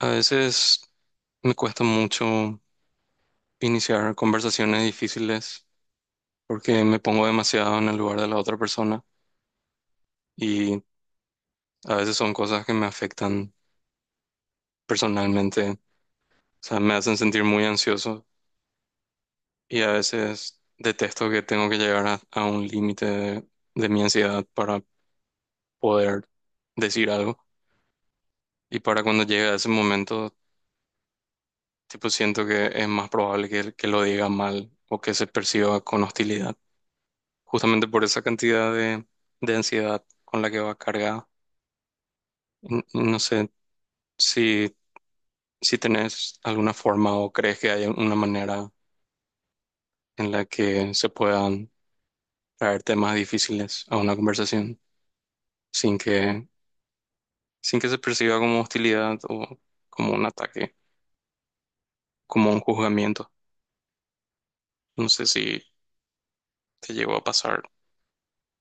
A veces me cuesta mucho iniciar conversaciones difíciles porque me pongo demasiado en el lugar de la otra persona y a veces son cosas que me afectan personalmente, o sea, me hacen sentir muy ansioso y a veces detesto que tengo que llegar a un límite de mi ansiedad para poder decir algo y para cuando llegue a ese momento, tipo, siento que es más probable que lo diga mal o que se perciba con hostilidad. Justamente por esa cantidad de ansiedad con la que va cargada. No sé si, si tenés alguna forma o crees que hay una manera en la que se puedan traer temas difíciles a una conversación sin que, sin que se perciba como hostilidad o como un ataque, como un juzgamiento. No sé si te llegó a pasar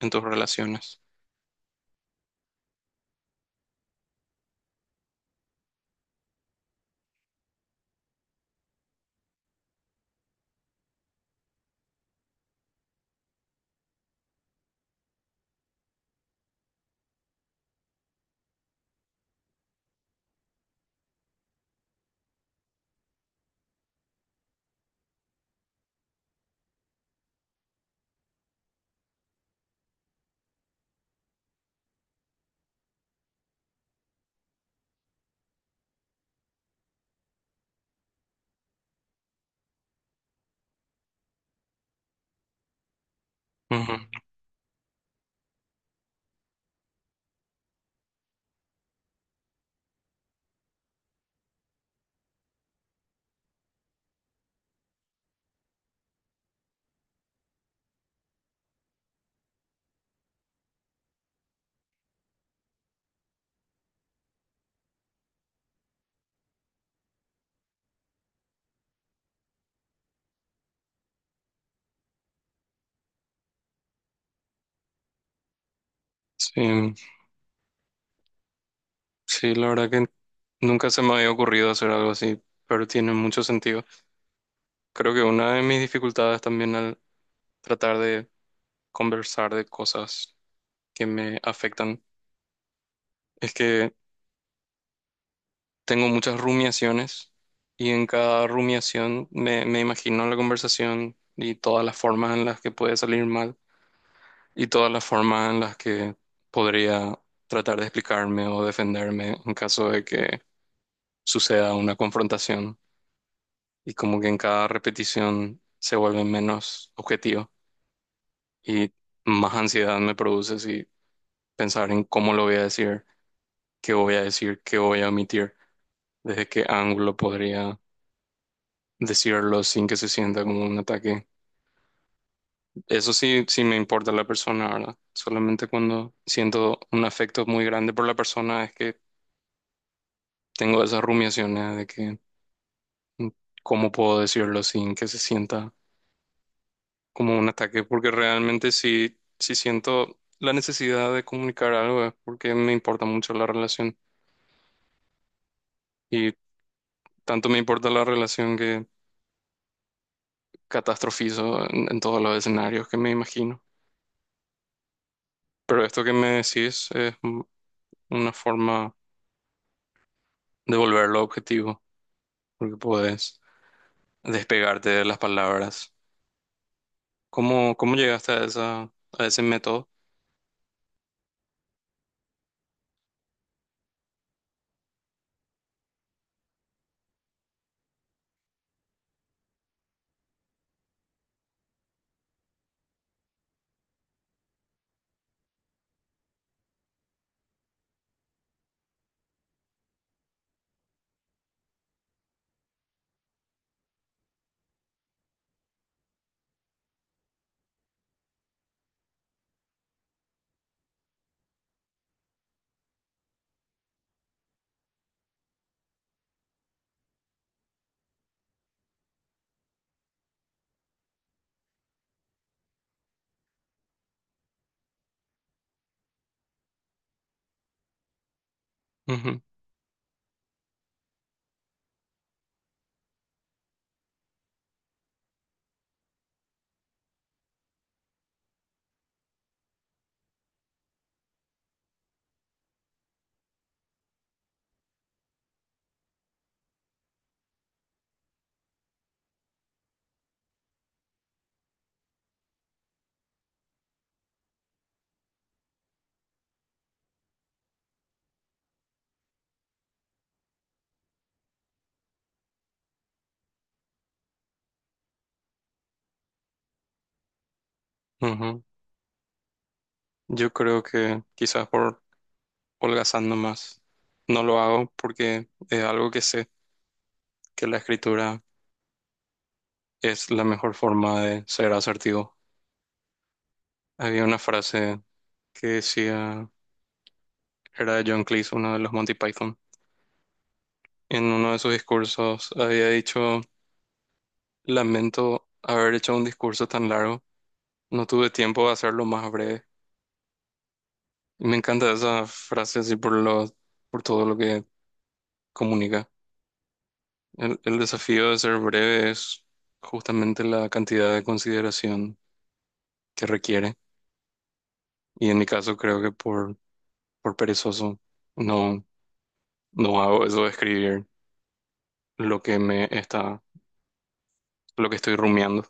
en tus relaciones. Ujú. Sí, sí, la verdad que nunca se me había ocurrido hacer algo así, pero tiene mucho sentido. Creo que una de mis dificultades también al tratar de conversar de cosas que me afectan es que tengo muchas rumiaciones y en cada rumiación me imagino la conversación y todas las formas en las que puede salir mal y todas las formas en las que podría tratar de explicarme o defenderme en caso de que suceda una confrontación y como que en cada repetición se vuelve menos objetivo y más ansiedad me produce si pensar en cómo lo voy a decir, qué voy a decir, qué voy a omitir, desde qué ángulo podría decirlo sin que se sienta como un ataque. Eso sí, sí me importa la persona, ¿verdad? Solamente cuando siento un afecto muy grande por la persona es que tengo esas rumiaciones de que mm, cómo puedo decirlo sin que se sienta como un ataque, porque realmente si siento la necesidad de comunicar algo, es porque me importa mucho la relación y tanto me importa la relación que catastrofizo en todos los escenarios que me imagino. Pero esto que me decís es una forma de volverlo objetivo, porque puedes despegarte de las palabras. ¿Cómo, cómo llegaste a esa, a ese método? Ujú, ujú. Yo creo que quizás por holgazando más. No lo hago porque es algo que sé, que la escritura es la mejor forma de ser asertivo. Había una frase que decía, era de John Cleese, uno de los Monty Python, en uno de sus discursos había dicho, lamento haber hecho un discurso tan largo, no tuve tiempo de hacerlo más breve. Y me encanta esa frase así por lo, por todo lo que comunica. El desafío de ser breve es justamente la cantidad de consideración que requiere. Y en mi caso creo que por perezoso no, no hago eso de escribir lo que me está, lo que estoy rumiando.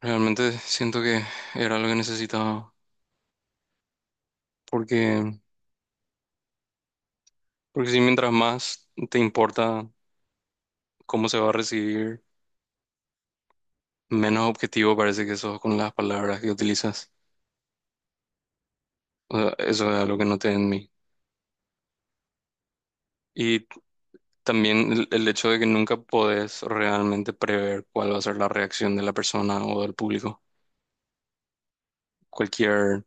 Realmente siento que era lo que necesitaba porque porque si mientras más te importa cómo se va a recibir, menos objetivo parece que sos con las palabras que utilizas. O sea, eso es algo que noté en mí. Y también el hecho de que nunca podés realmente prever cuál va a ser la reacción de la persona o del público. Cualquier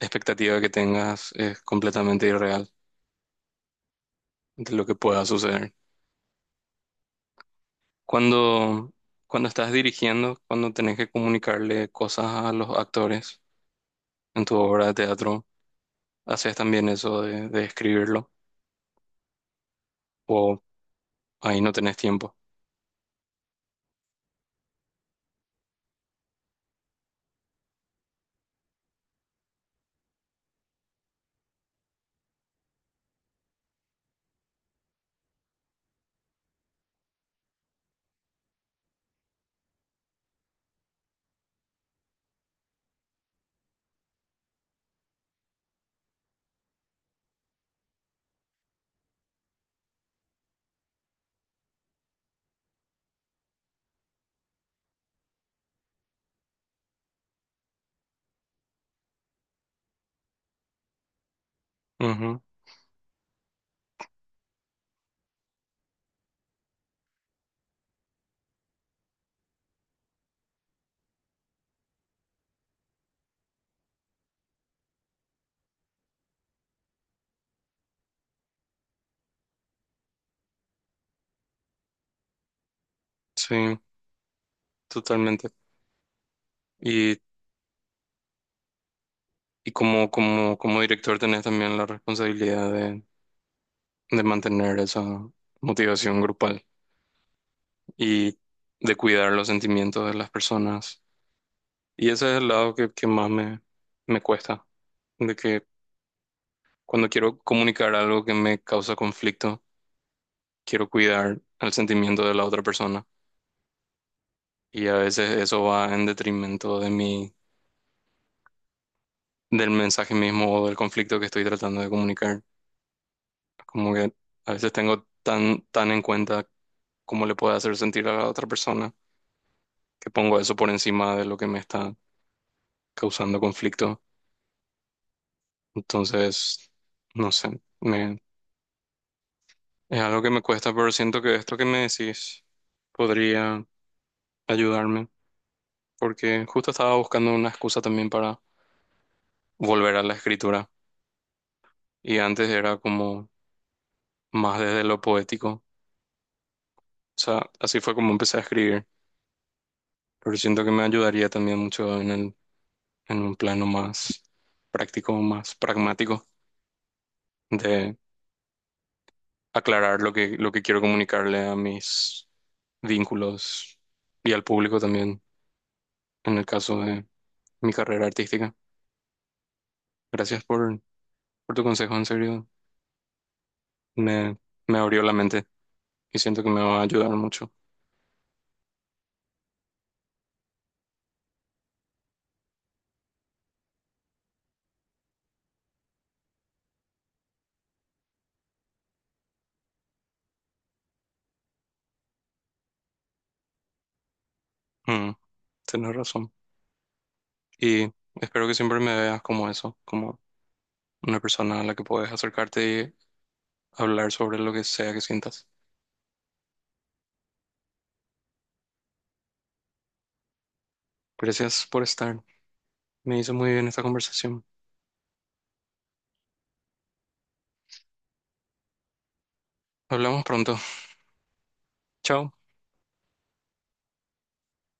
expectativa que tengas es completamente irreal de lo que pueda suceder. Cuando, cuando estás dirigiendo, cuando tenés que comunicarle cosas a los actores en tu obra de teatro, haces también eso de escribirlo o ahí no tenés tiempo. Ujú. Sí, totalmente. Y, y como, como, como director tenés también la responsabilidad de mantener esa motivación grupal y de cuidar los sentimientos de las personas. Y ese es el lado que más me, me cuesta, de que cuando quiero comunicar algo que me causa conflicto, quiero cuidar el sentimiento de la otra persona. Y a veces eso va en detrimento de mi del mensaje mismo o del conflicto que estoy tratando de comunicar. Como que a veces tengo tan, tan en cuenta cómo le puede hacer sentir a la otra persona que pongo eso por encima de lo que me está causando conflicto. Entonces, no sé, me, es algo que me cuesta, pero siento que esto que me decís podría ayudarme porque justo estaba buscando una excusa también para volver a la escritura y antes era como más desde lo poético. O sea, así fue como empecé a escribir, pero siento que me ayudaría también mucho en el, en un plano más práctico, más pragmático, de aclarar lo que quiero comunicarle a mis vínculos y al público también, en el caso de mi carrera artística. Gracias por tu consejo, en serio, me, me abrió la mente y siento que me va a ayudar mucho. Mm, tienes razón. Y espero que siempre me veas como eso, como una persona a la que puedes acercarte y hablar sobre lo que sea que sientas. Gracias por estar. Me hizo muy bien esta conversación. Hablamos pronto. Chao.